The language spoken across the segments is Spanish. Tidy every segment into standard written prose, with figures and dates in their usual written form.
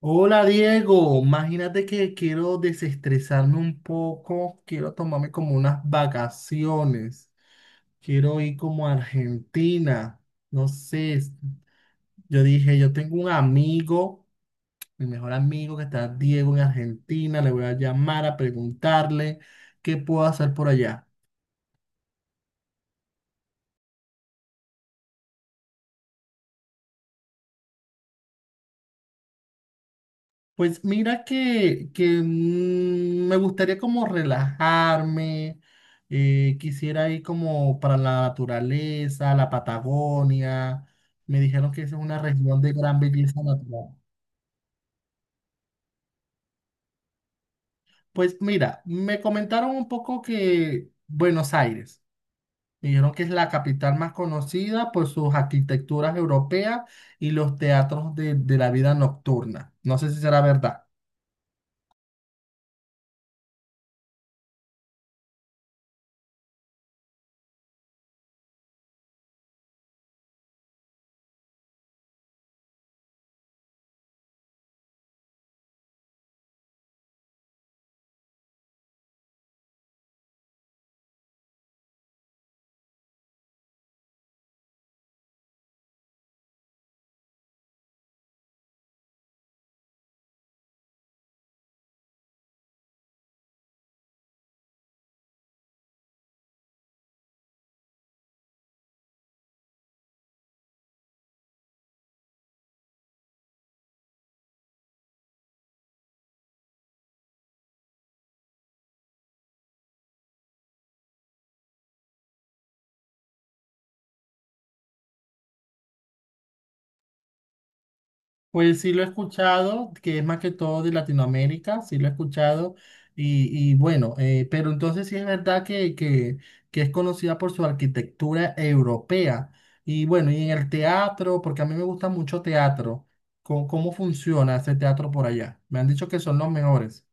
Hola, Diego, imagínate que quiero desestresarme un poco, quiero tomarme como unas vacaciones, quiero ir como a Argentina, no sé, yo dije, yo tengo un amigo, mi mejor amigo que está Diego en Argentina, le voy a llamar a preguntarle qué puedo hacer por allá. Pues mira que me gustaría como relajarme, quisiera ir como para la naturaleza, la Patagonia. Me dijeron que esa es una región de gran belleza natural. Pues mira, me comentaron un poco que Buenos Aires, me dijeron que es la capital más conocida por sus arquitecturas europeas y los teatros de la vida nocturna. No sé si será verdad. Pues sí lo he escuchado, que es más que todo de Latinoamérica, sí lo he escuchado. Y, y bueno, pero entonces sí es verdad que es conocida por su arquitectura europea. Y bueno, y en el teatro, porque a mí me gusta mucho teatro, cómo funciona ese teatro por allá? Me han dicho que son los mejores.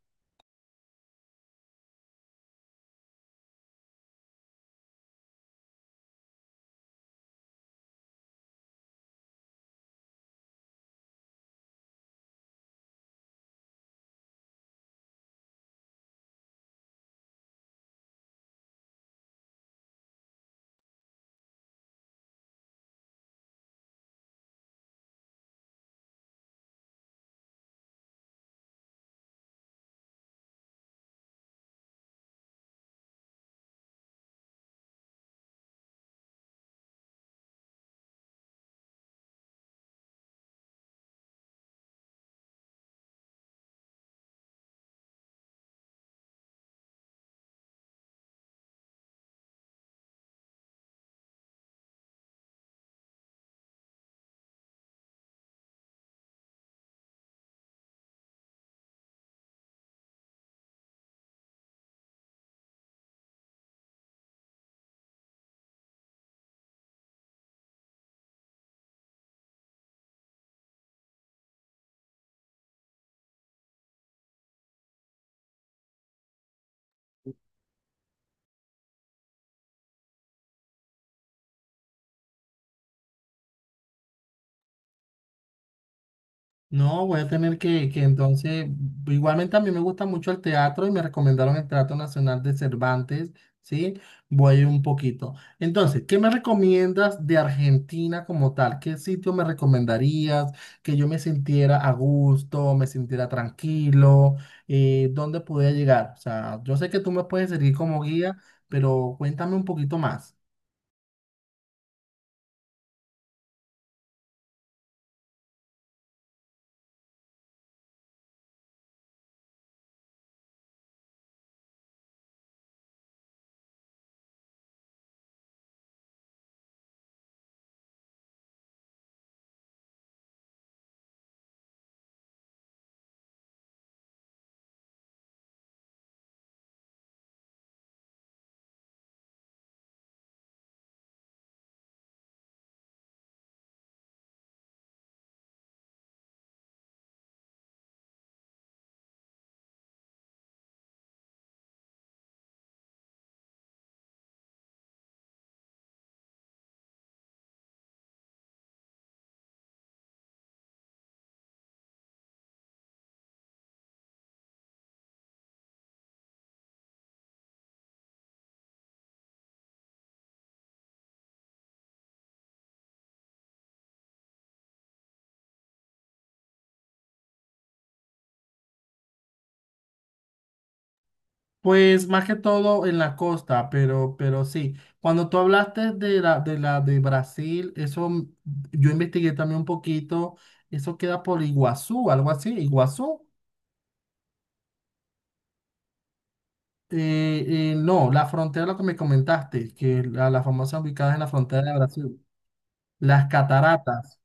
No, voy a tener que entonces, igualmente a mí me gusta mucho el teatro y me recomendaron el Teatro Nacional de Cervantes, ¿sí? Voy un poquito. Entonces, ¿qué me recomiendas de Argentina como tal? ¿Qué sitio me recomendarías que yo me sintiera a gusto, me sintiera tranquilo? ¿Dónde pudiera llegar? O sea, yo sé que tú me puedes servir como guía, pero cuéntame un poquito más. Pues más que todo en la costa, pero sí. Cuando tú hablaste de la de Brasil, eso, mm, yo investigué también un poquito. Eso queda por Iguazú, algo así. Iguazú. No, la frontera, lo que me comentaste, que la famosa ubicada en la frontera de Brasil. Las cataratas.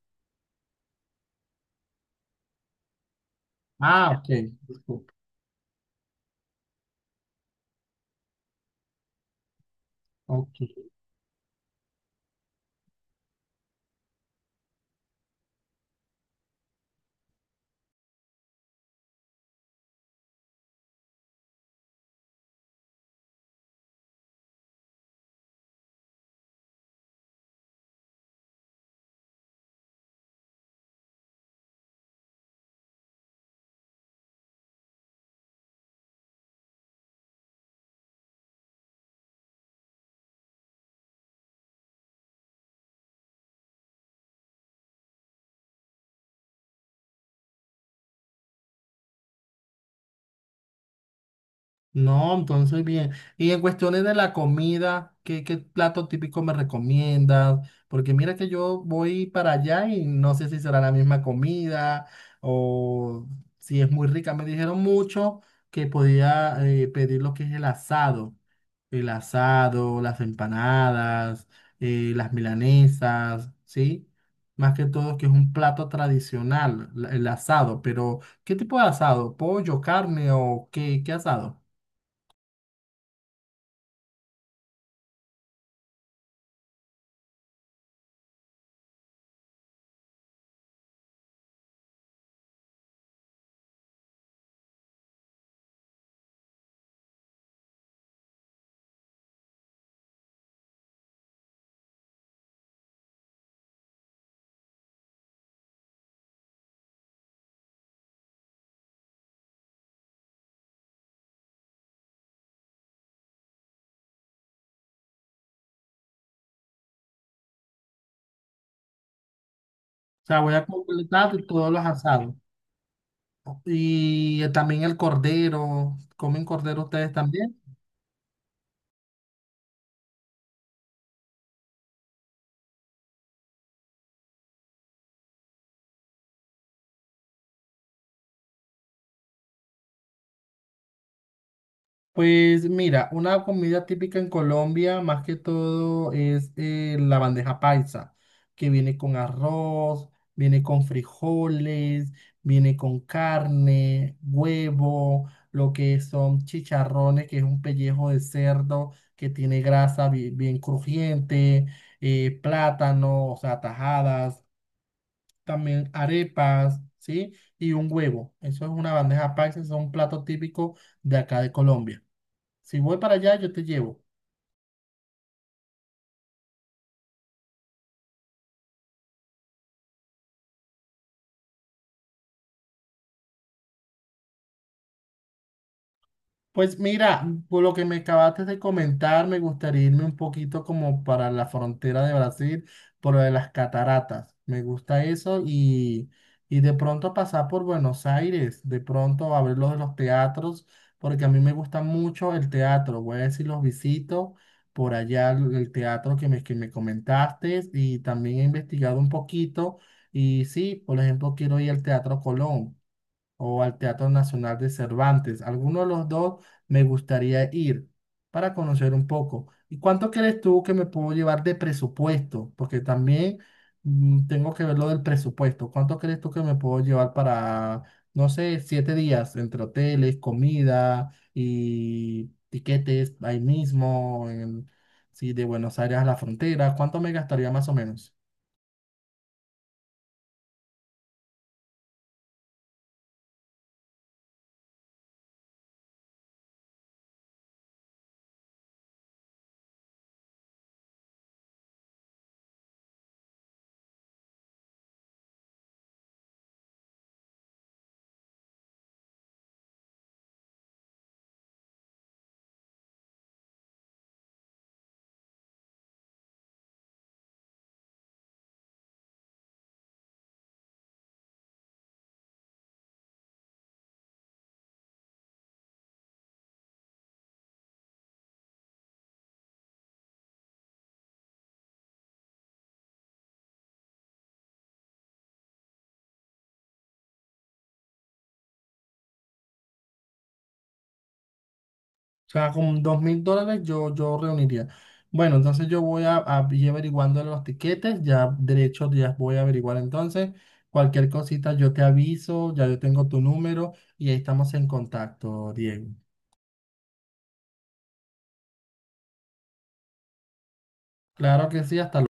Ah, ok, disculpa. Ok. No, entonces bien. Y en cuestiones de la comida, qué plato típico me recomiendas? Porque mira que yo voy para allá y no sé si será la misma comida o si es muy rica. Me dijeron mucho que podía, pedir lo que es el asado. El asado, las empanadas, las milanesas, ¿sí? Más que todo que es un plato tradicional, el asado. Pero, ¿qué tipo de asado? ¿Pollo, carne o qué asado? O sea, voy a completar todos los asados. Y también el cordero. ¿Comen cordero ustedes también? Pues mira, una comida típica en Colombia, más que todo, es, la bandeja paisa, que viene con arroz, viene con frijoles, viene con carne, huevo, lo que son chicharrones, que es un pellejo de cerdo que tiene grasa bien crujiente, plátano, o sea, tajadas. También arepas, ¿sí? Y un huevo. Eso es una bandeja paisa, eso es un plato típico de acá de Colombia. Si voy para allá, yo te llevo. Pues mira, por lo que me acabaste de comentar, me gustaría irme un poquito como para la frontera de Brasil, por lo de las cataratas. Me gusta eso y de pronto pasar por Buenos Aires, de pronto a ver lo de los teatros, porque a mí me gusta mucho el teatro. Voy a decir, los visito por allá, el teatro que me comentaste y también he investigado un poquito y sí, por ejemplo, quiero ir al Teatro Colón o al Teatro Nacional de Cervantes. Alguno de los dos me gustaría ir para conocer un poco. ¿Y cuánto crees tú que me puedo llevar de presupuesto? Porque también, mm, tengo que ver lo del presupuesto. ¿Cuánto crees tú que me puedo llevar para, no sé, 7 días entre hoteles, comida y tiquetes ahí mismo, sí, de Buenos Aires a la frontera? ¿Cuánto me gastaría más o menos? O sea, con $2,000 yo, yo reuniría. Bueno, entonces yo voy a ir averiguando los tiquetes, ya derechos ya voy a averiguar entonces. Cualquier cosita yo te aviso, ya yo tengo tu número y ahí estamos en contacto, Diego. Claro que sí, hasta luego.